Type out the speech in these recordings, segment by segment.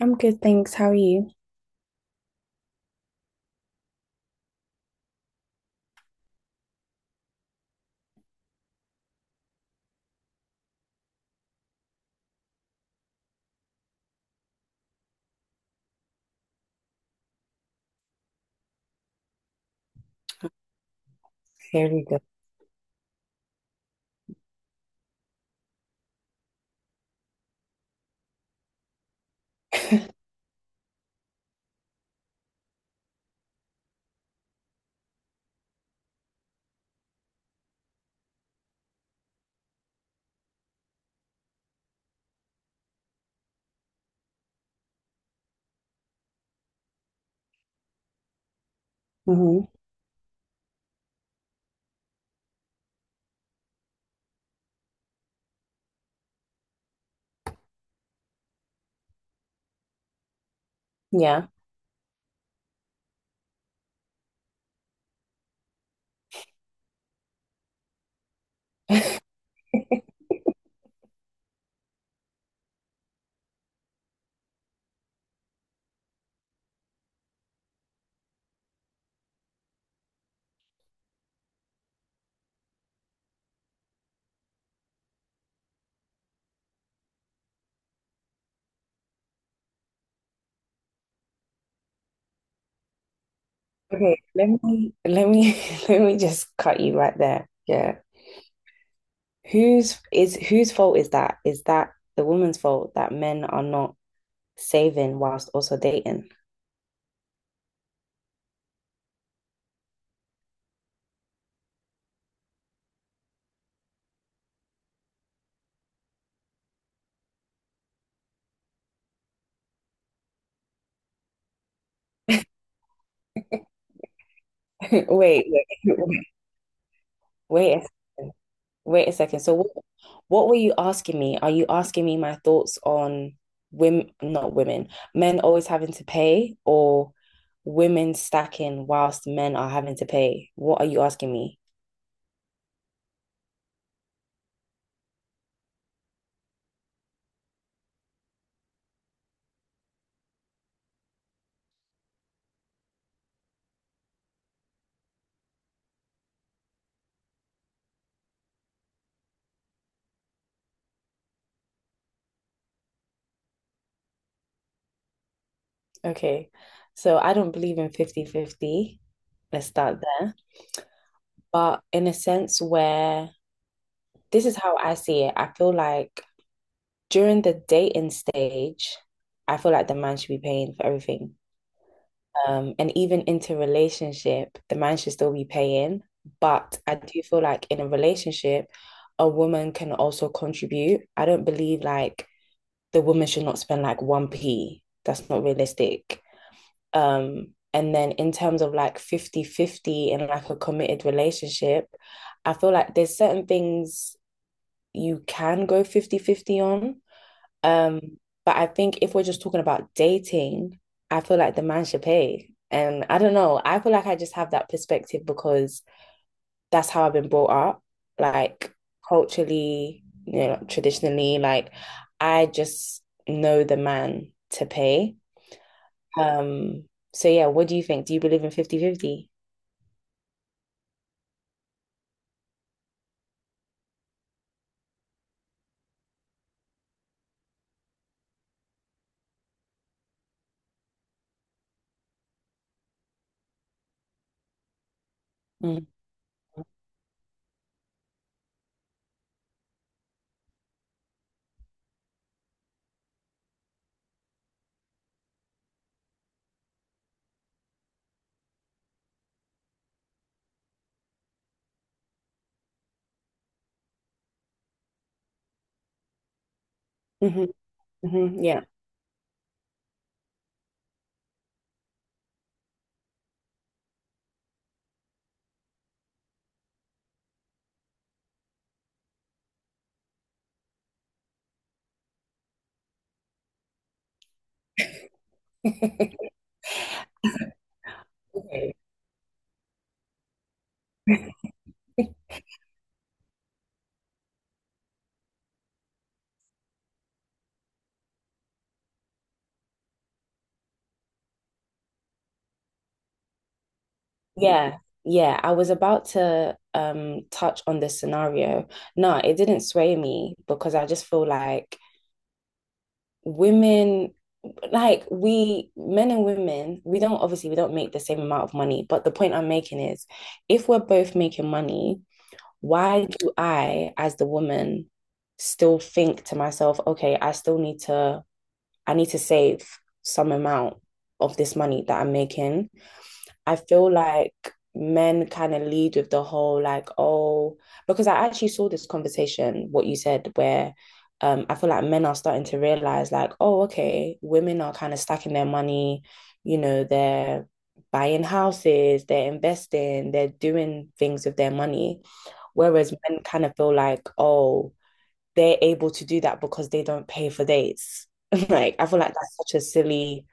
I'm good, thanks. How are you? Very good. Hmm. Yeah. Okay, let me let me just cut you right there. Yeah. Whose fault is that? Is that the woman's fault that men are not saving whilst also dating? Wait, wait, wait. Wait. Wait a second. So what were you asking me? Are you asking me my thoughts on women, not women, men always having to pay or women stacking whilst men are having to pay? What are you asking me? Okay. So I don't believe in 50/50. Let's start there. But in a sense where this is how I see it, I feel like during the dating stage, I feel like the man should be paying for everything. And even into relationship, the man should still be paying. But I do feel like in a relationship, a woman can also contribute. I don't believe like the woman should not spend like 1p. That's not realistic. And then in terms of like 50/50 in like a committed relationship, I feel like there's certain things you can go 50/50 on, um, but I think if we're just talking about dating, I feel like the man should pay. And I don't know, I feel like I just have that perspective because that's how I've been brought up, like culturally, traditionally, like I just know the man to pay. Um, so yeah, what do you think? Do you believe in 50/50? Mm. Mhm, mhm. Yeah. Okay. Yeah. Yeah. I was about to touch on this scenario. No, it didn't sway me because I just feel like women, like, we, men and women, we don't, obviously we don't make the same amount of money, but the point I'm making is if we're both making money, why do I, as the woman, still think to myself, okay, I still need to save some amount of this money that I'm making. I feel like men kind of lead with the whole like, oh, because I actually saw this conversation, what you said, where I feel like men are starting to realize like, oh, okay, women are kind of stacking their money, they're buying houses, they're investing, they're doing things with their money. Whereas men kind of feel like, oh, they're able to do that because they don't pay for dates. Like, I feel like that's such a silly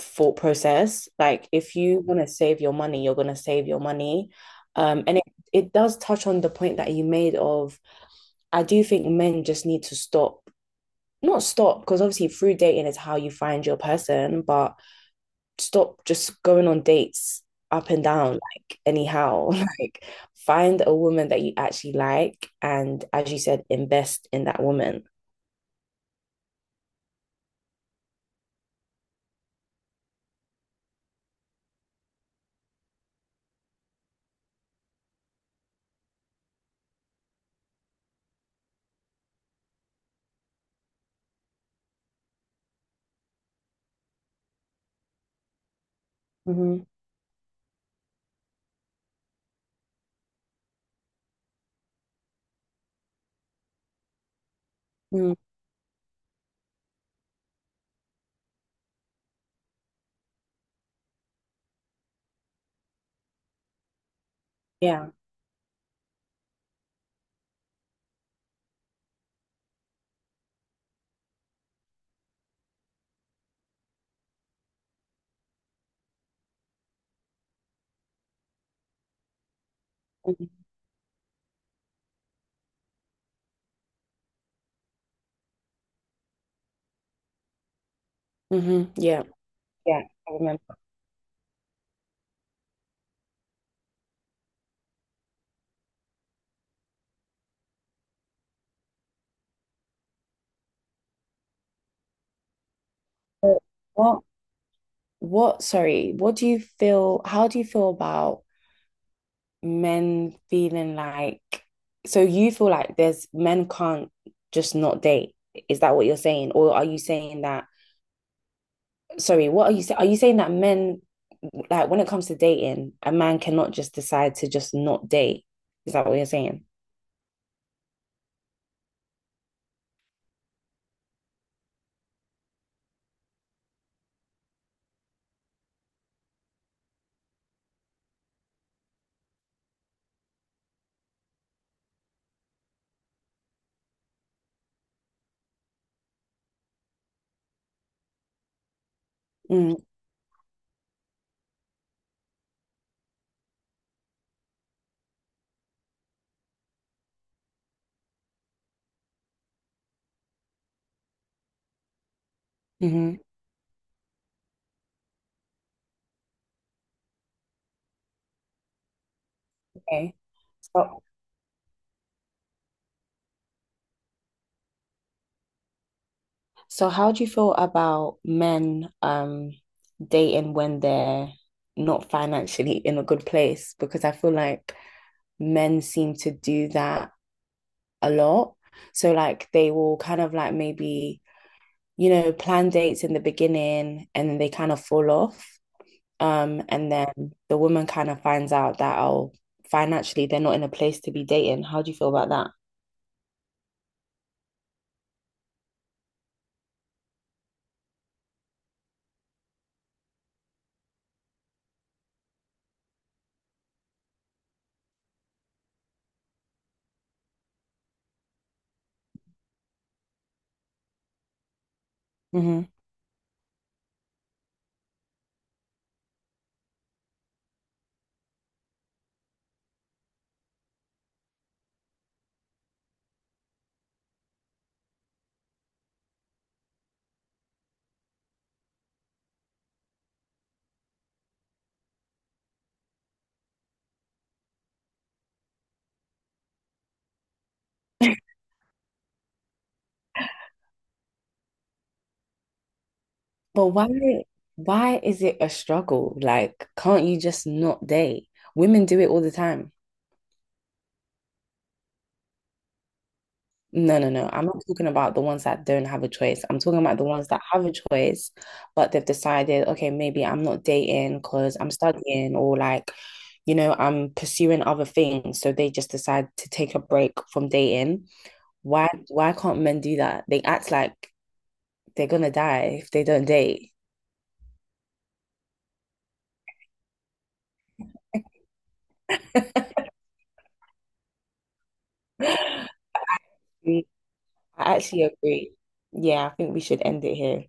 thought process. Like if you want to save your money, you're going to save your money. And it does touch on the point that you made of, I do think men just need to stop, not stop, because obviously through dating is how you find your person, but stop just going on dates up and down like anyhow like find a woman that you actually like, and as you said, invest in that woman. Hmm, yeah. Hmm, yeah, yeah, I remember. What what sorry, what do you feel, how do you feel about men feeling like, so you feel like there's men can't just not date. Is that what you're saying? Or are you saying that, sorry, what are you saying? Are you saying that men, like when it comes to dating, a man cannot just decide to just not date? Is that what you're saying? Mm, mhm. Okay. So so how do you feel about men dating when they're not financially in a good place? Because I feel like men seem to do that a lot. So like they will kind of like maybe, plan dates in the beginning and then they kind of fall off. And then the woman kind of finds out that oh, financially they're not in a place to be dating. How do you feel about that? Hmm. But why is it a struggle? Like, can't you just not date? Women do it all the time. No, no, no. I'm not talking about the ones that don't have a choice. I'm talking about the ones that have a choice, but they've decided, okay, maybe I'm not dating because I'm studying or like, I'm pursuing other things. So they just decide to take a break from dating. Why can't men do that? They act like they're gonna die if they don't date. I actually agree. Yeah, I think we should end it here.